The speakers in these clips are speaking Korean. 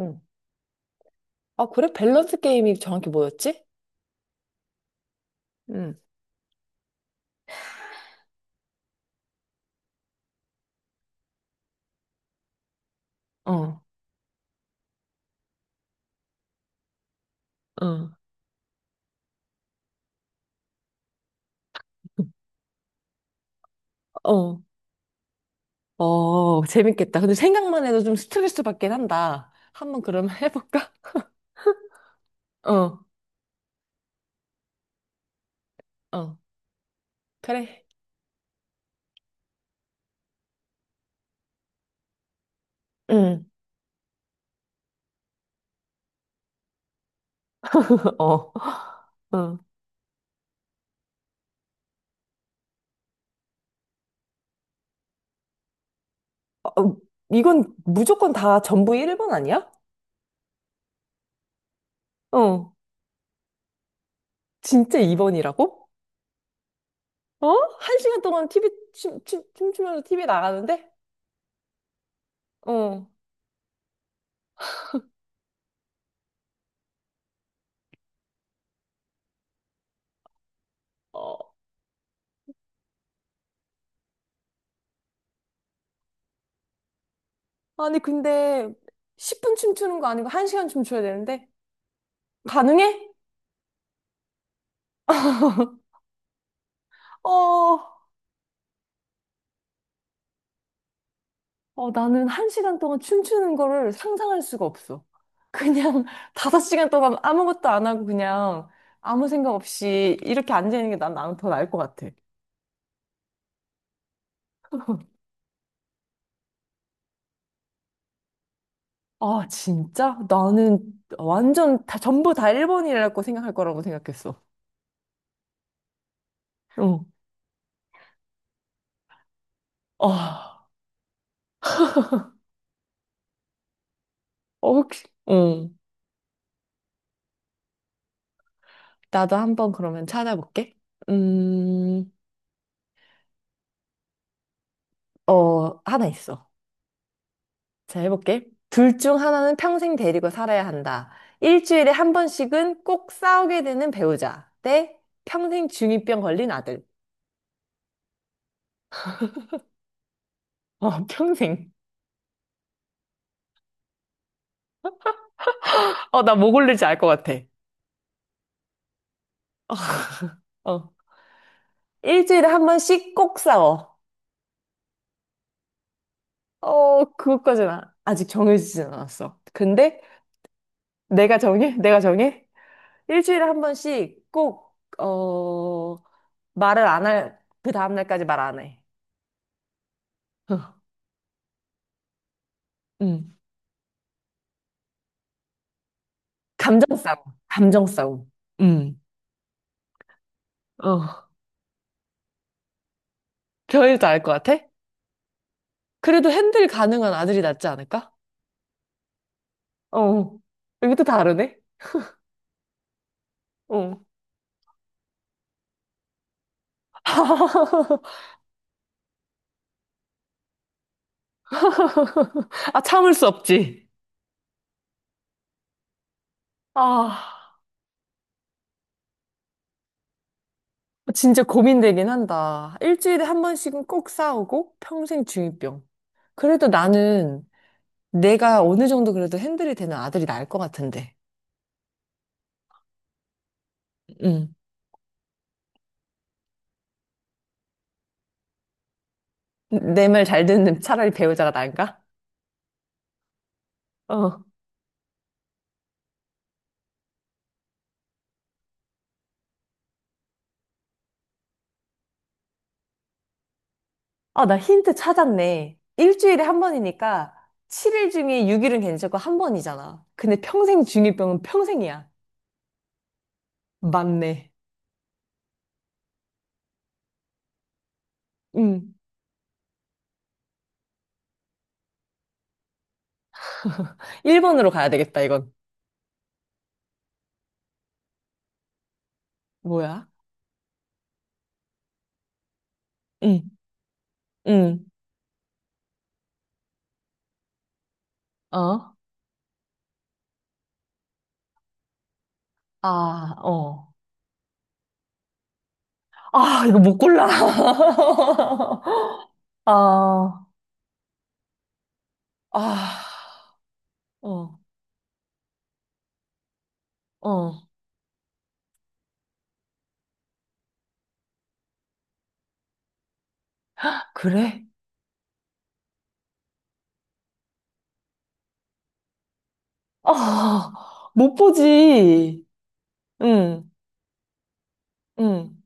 응. 아, 그래? 밸런스 게임이 정확히 뭐였지? 응, 어. 어, 어, 재밌겠다. 근데 생각만 해도 좀 스트레스 받긴 한다. 한번 그러면 해볼까? 어, 어. 그래. 응. 어. 응. 어, 이건 무조건 다 전부 1번 아니야? 어, 진짜 2번이라고? 어? 한 시간 동안 TV, 춤, 춤, 춤추면서 TV 나가는데? 어. 어. 아니, 근데 10분 춤추는 거 아니고 한 시간 춤춰야 되는데? 가능해? 어, 어, 나는 한 시간 동안 춤추는 거를 상상할 수가 없어. 그냥 다섯 시간 동안 아무것도 안 하고 그냥 아무 생각 없이 이렇게 앉아있는 게 나는 더 나을 것 같아. 아, 진짜? 나는 전부 다 일본이라고 생각할 거라고 생각했어. 응. 아, 어, 혹시, 응. 나도 한번 그러면 찾아볼게. 음, 어, 하나 있어. 자, 해볼게. 둘 중 하나는 평생 데리고 살아야 한다. 일주일에 한 번씩은 꼭 싸우게 되는 배우자. 대 평생 중이병 걸린 아들. 어, 평생. 어, 나 뭐 고를지 알 것 같아. 어. 일주일에 한 번씩 꼭 싸워. 어, 아직 정해지진 않았어. 근데 내가 정해? 내가 정해? 일주일에 한 번씩 꼭, 어, 말을 안 할, 그 다음날까지 말 안 해. 응. 감정 싸움. 감정 싸움. 음. 어, 겨울도 알 것 같아? 그래도 핸들 가능한 아들이 낫지 않을까? 어, 이것도 다르네? 어. 아, 참을 수 없지. 아, 진짜 고민되긴 한다. 일주일에 한 번씩은 꼭 싸우고 평생 중이병. 그래도 나는 내가 어느 정도 그래도 핸들이 되는 아들이 나을 것 같은데. 응. 내 말 잘 듣는 차라리 배우자가 나은가? 어. 아, 나 힌트 찾았네. 일주일에 한 번이니까 7일 중에 6일은 괜찮고 한 번이잖아. 근데 평생 중이병은 평생이야. 맞네. 응. 1번으로 가야 되겠다, 이건. 뭐야? 응, 응, 어? 아, 어. 아, 이거 못 골라. 아, 아, 어, 어. 그래? 아, 못 보지. 응, 응.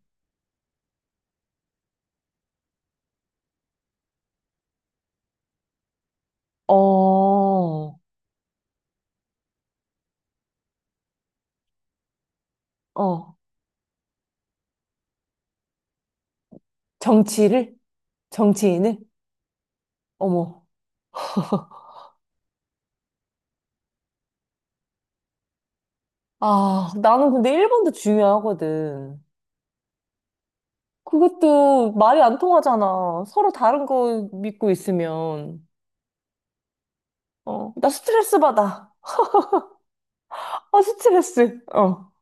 어, 어. 정치를? 정치인을? 어머. 아, 나는 근데 1번도 중요하거든. 그것도 말이 안 통하잖아. 서로 다른 거 믿고 있으면. 어, 나 스트레스 받아. 아, 스트레스. 어,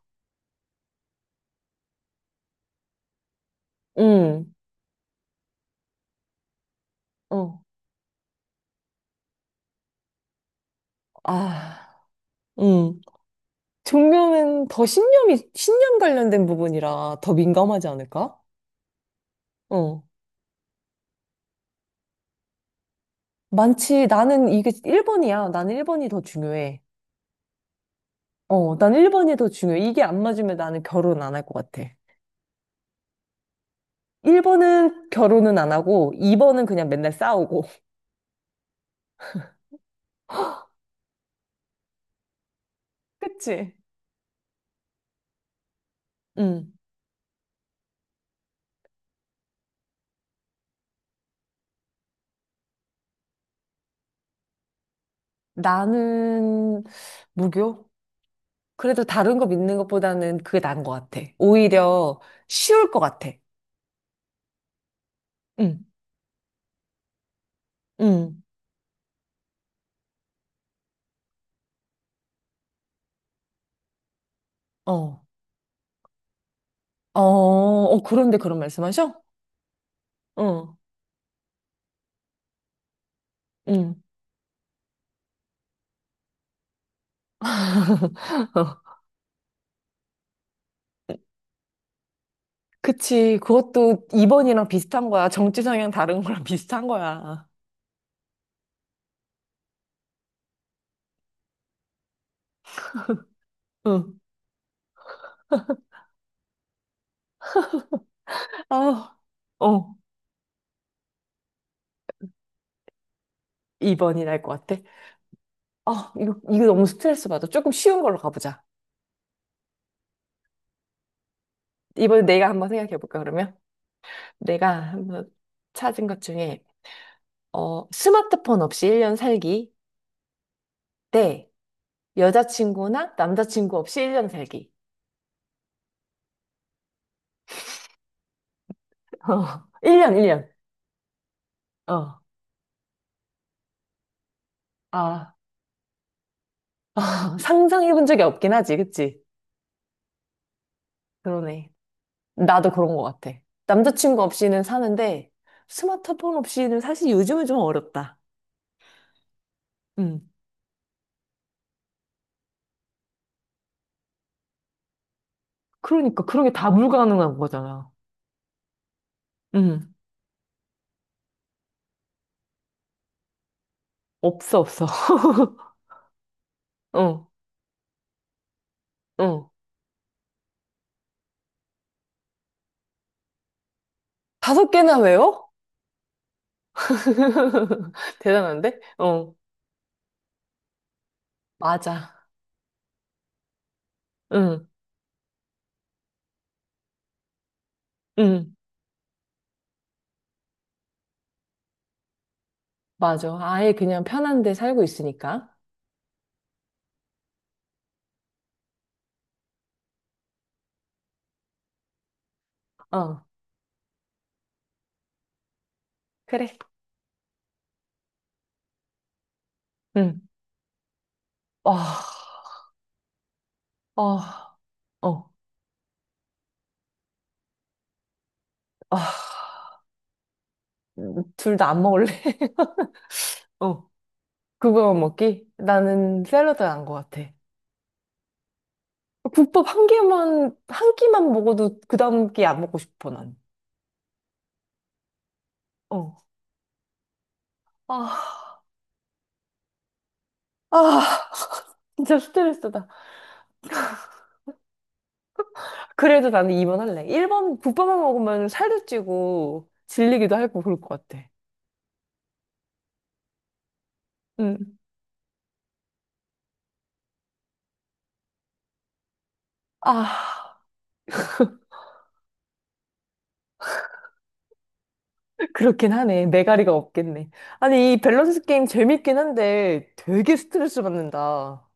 응, 어, 아, 응. 종교는 더 신념 관련된 부분이라 더 민감하지 않을까? 어. 많지. 나는 이게 1번이야. 나는 1번이 더 중요해. 어, 난 1번이 더 중요해. 이게 안 맞으면 나는 결혼 안 할 것 같아. 1번은 결혼은 안 하고 2번은 그냥 맨날 싸우고. 그치? 음. 나는 무교? 그래도 다른 거 믿는 것보다는 그게 나은 것 같아. 오히려 쉬울 것 같아. 응, 응, 어. 어, 어, 그런데 그런 말씀하셔? 어, 응. 그치. 그것도 2번이랑 비슷한 거야. 정치 성향 다른 거랑 비슷한 거야. 응. 아, 어. 2번이 날 것 같아. 아, 이거, 이거 너무 스트레스 받아. 조금 쉬운 걸로 가보자. 이번에 내가 한번 생각해 볼까, 그러면? 내가 한번 찾은 것 중에, 어, 스마트폰 없이 1년 살기 대 여자친구나 남자친구 없이 1년 살기. 어, 1년, 1년. 어, 아, 상상해 본 적이 없긴 하지, 그치? 그러네. 나도 그런 것 같아. 남자친구 없이는 사는데, 스마트폰 없이는 사실 요즘은 좀 어렵다. 응. 그러니까 그런 게 다 불가능한 거잖아. 음. 없어, 없어. 어, 어. 다섯 개나 외워? 대단한데? 어, 맞아. 응, 응, 맞아. 아예 그냥 편한 데 살고 있으니까. 어, 그래. 응. 어, 어, 어, 어. 둘 다 안 먹을래? 어, 그거 먹기? 나는 샐러드 안것 같아. 국밥 한 개만, 한 끼만 먹어도 그 다음 끼 안 먹고 싶어, 난. 어. 아, 아, 진짜 스트레스다. 그래도 나는 2번 할래. 1번 국밥만 먹으면 살도 찌고 질리기도 하고 그럴 것 같아. 응. 아, 그렇긴 하네. 매가리가 없겠네. 아니, 이 밸런스 게임 재밌긴 한데 되게 스트레스 받는다.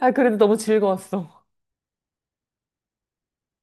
아, 그래도 너무 즐거웠어.